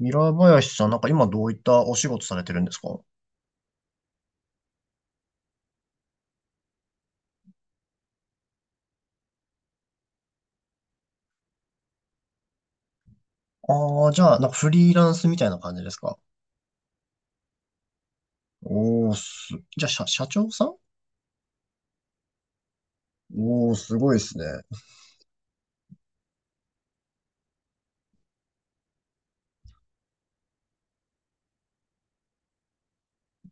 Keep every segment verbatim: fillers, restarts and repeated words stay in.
ミラー林さん、なんか今どういったお仕事されてるんですか？ああー、じゃあ、なんかフリーランスみたいな感じですか？おー、す、じゃあ、社、社長さん。おー、すごいですね。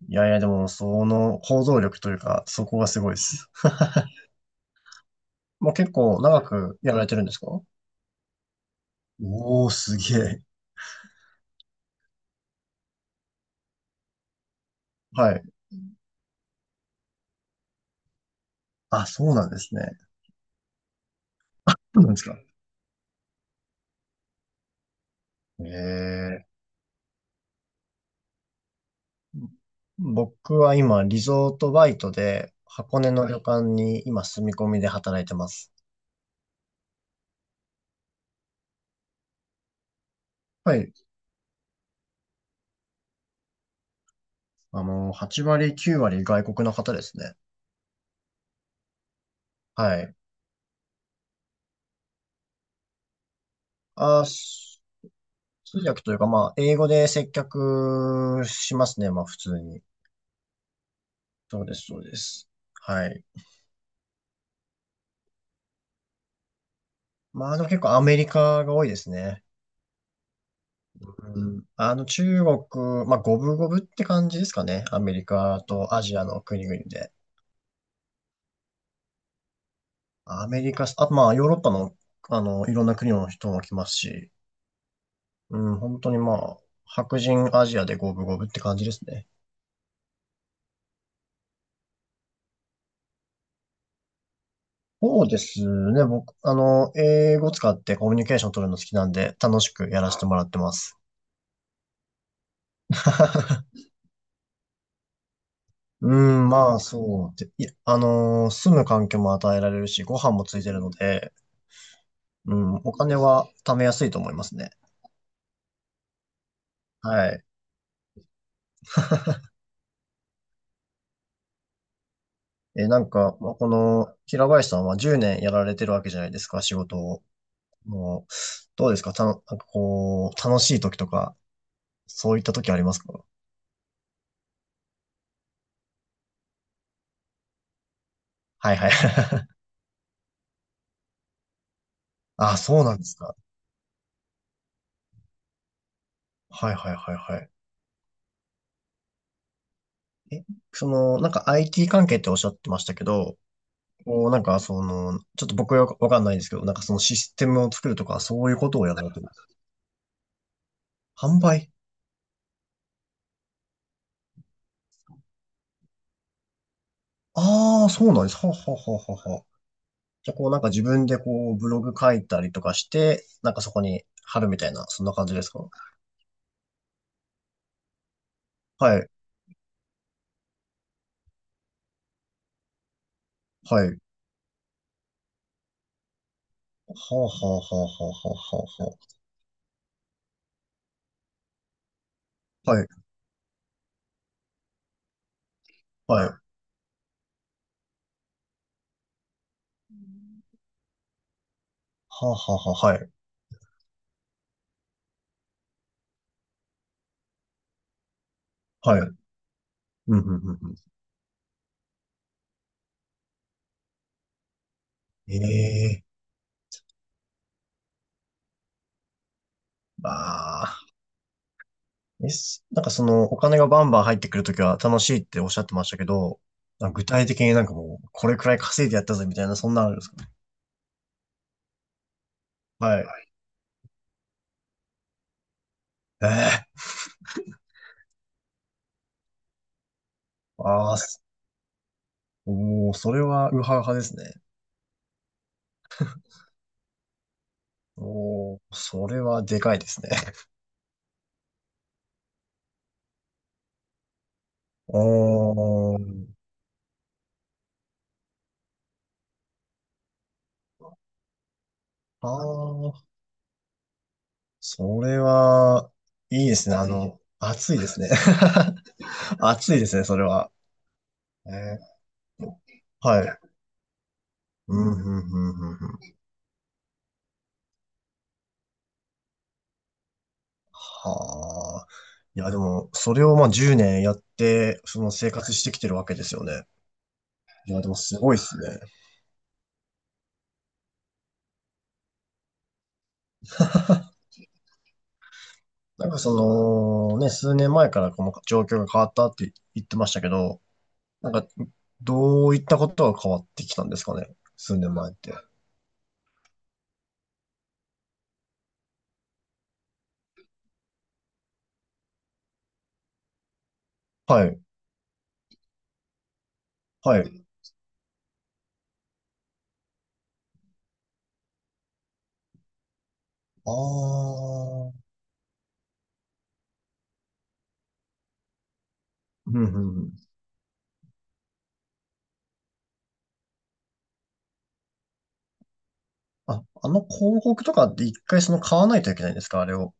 いやいや、でも、その、行動力というか、そこがすごいです。もう結構長くやられてるんですか？おー、すげえ。はい。あ、そうなんですね。そうなんですか。ええ。僕は今、リゾートバイトで、箱根の旅館に今、住み込みで働いてます。はい。あの、はち割、きゅう割外国の方ですね。はい。あ、す通訳というか、まあ、英語で接客しますね。まあ、普通に。そうです、そうです。はい。まあ、でも結構アメリカが多いですね。うん。あの、中国、まあ、五分五分って感じですかね。アメリカとアジアの国々で。アメリカ、あとまあ、ヨーロッパの、あの、いろんな国の人も来ますし、うん、本当にまあ、白人アジアで五分五分って感じですね。そうですね。僕、あの、英語使ってコミュニケーション取るの好きなんで、楽しくやらせてもらってます。うん、まあ、そうで。いや、あのー住む環境も与えられるし、ご飯もついてるので、うん、お金は貯めやすいと思いますね。はい。え、なんか、まあ、この、平林さんはじゅうねんやられてるわけじゃないですか、仕事を。もう、どうですかたの、なんかこう、楽しい時とか、そういった時ありますか？はいはい。あ、そうなんですか。はいはいはいはい。え、その、なんか アイティー 関係っておっしゃってましたけど、こう、なんかその、ちょっと僕はわかんないんですけど、なんかそのシステムを作るとか、そういうことをやられてるんですか？販売。ああー、そうなんです。ははははは。じゃあ、こうなんか自分でこう、ブログ書いたりとかして、なんかそこに貼るみたいな、そんな感じですか？はい、はい。はあはあはあはあはあはあ。はい、はい。はあはあはあ、はい。はい。うん、うん、うん。うん。ええ。ー、まあ。えすなんかそのお金がバンバン入ってくるときは楽しいっておっしゃってましたけど、なんか具体的になんかもうこれくらい稼いでやったぜみたいなそんなのあるんですか？はい。ええ。ああー、すおー、それはウハウハですね。おー、それはでかいですね。おー、ああ、それは、いいですね。あの、暑いですね。暑いですね、それは。えー。はい。うん、うん、うん、うん。うん。はあ。いや、でも、それをまあじゅうねんやって、その生活してきてるわけですよね。いや、でもすごいっすね。なんかその、ね、数年前からこの状況が変わったって言ってましたけど、なんか、どういったことが変わってきたんですかね。数年前って。はい、はい。ああ、うんうんうん。あ、あの広告とかって一回その買わないといけないんですか、あれを。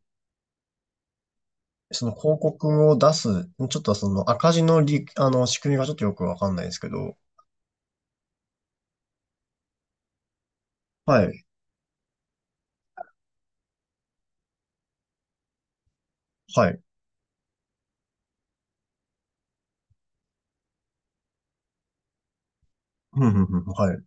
その広告を出す、ちょっとその赤字のり、あの仕組みがちょっとよくわかんないですけど。はい。はい。うん、うん、うん。はい。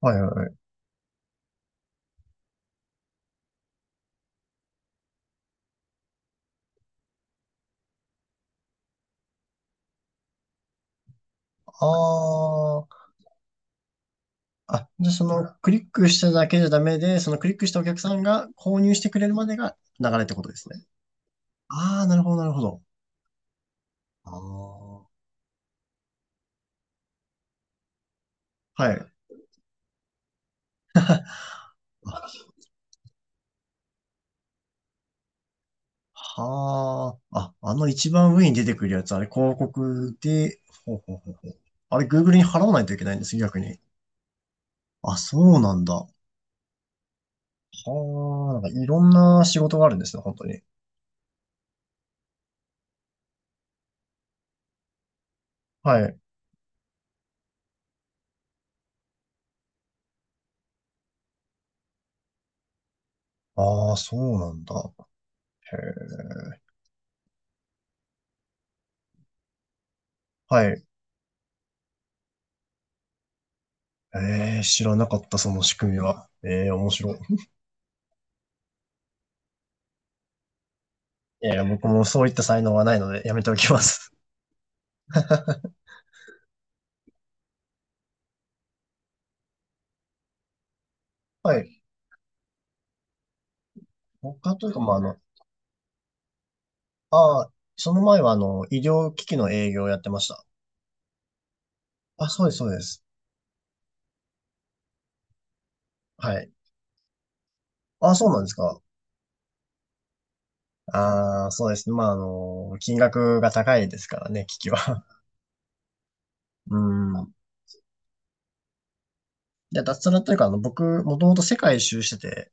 はいはいはい。あー。あ、じゃあそのクリックしただけじゃダメで、そのクリックしたお客さんが購入してくれるまでが流れってことですね。ああ、なるほど、なるほど。ああ。はい。あはあ。あ、あの一番上に出てくるやつ、あれ広告で、ほうほうほうほう。あれ Google に払わないといけないんです、逆に。あ、そうなんだ。はあ。なんかいろんな仕事があるんですね、本当に。はい。ああ、そうなんだ。へえ。はい。えー、知らなかった、その仕組みは。えー、面白い。いやいや、僕もそういった才能はないので、やめておきます。はい。他というか、まあ、あの、ああ、その前は、あの、医療機器の営業をやってました。あ、そうです、そうです。はい。あ、そうなんですか。ああ、そうですね。まあ、あの、金額が高いですからね、機器は。うん。で、脱サラというか、あの、僕、もともと世界一周してて、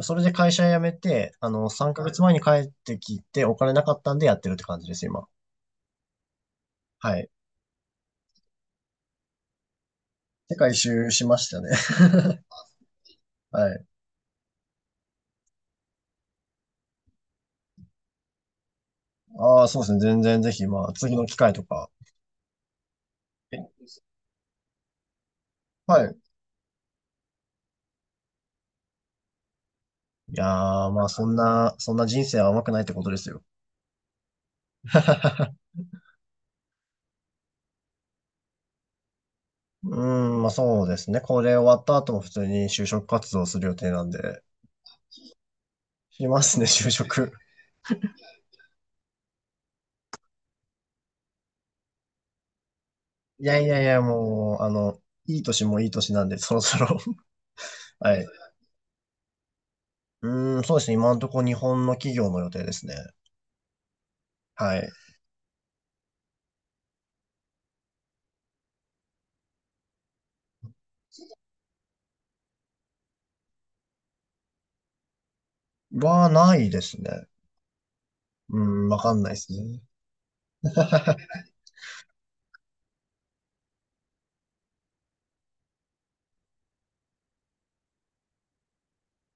それで会社辞めて、あの、さんかげつまえに帰ってきて、お金なかったんでやってるって感じです、今。はい。世界一周しましたね。はい。ああ、そうですね。全然ぜひ、まあ、次の機会とか。え。はい。いやー、まあ、そんな、そんな人生は甘くないってことですよ。うーん、まあ、そうですね。これ終わった後も普通に就職活動する予定なんで、しますね、就職。いやいやいや、もう、あの、いい年もいい年なんで、そろそろ。 はい。うーん、そうですね。今のところ日本の企業の予定ですね。はい。は、ないですね。うん、わかんないですね。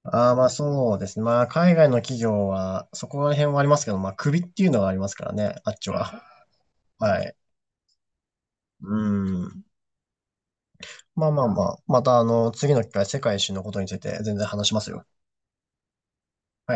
ああ、まあそうですね。まあ海外の企業は、そこら辺はありますけど、まあ首っていうのがありますからね、あっちは。はい。うん。まあまあまあ、またあの、次の機会、世界一周のことについて全然話しますよ。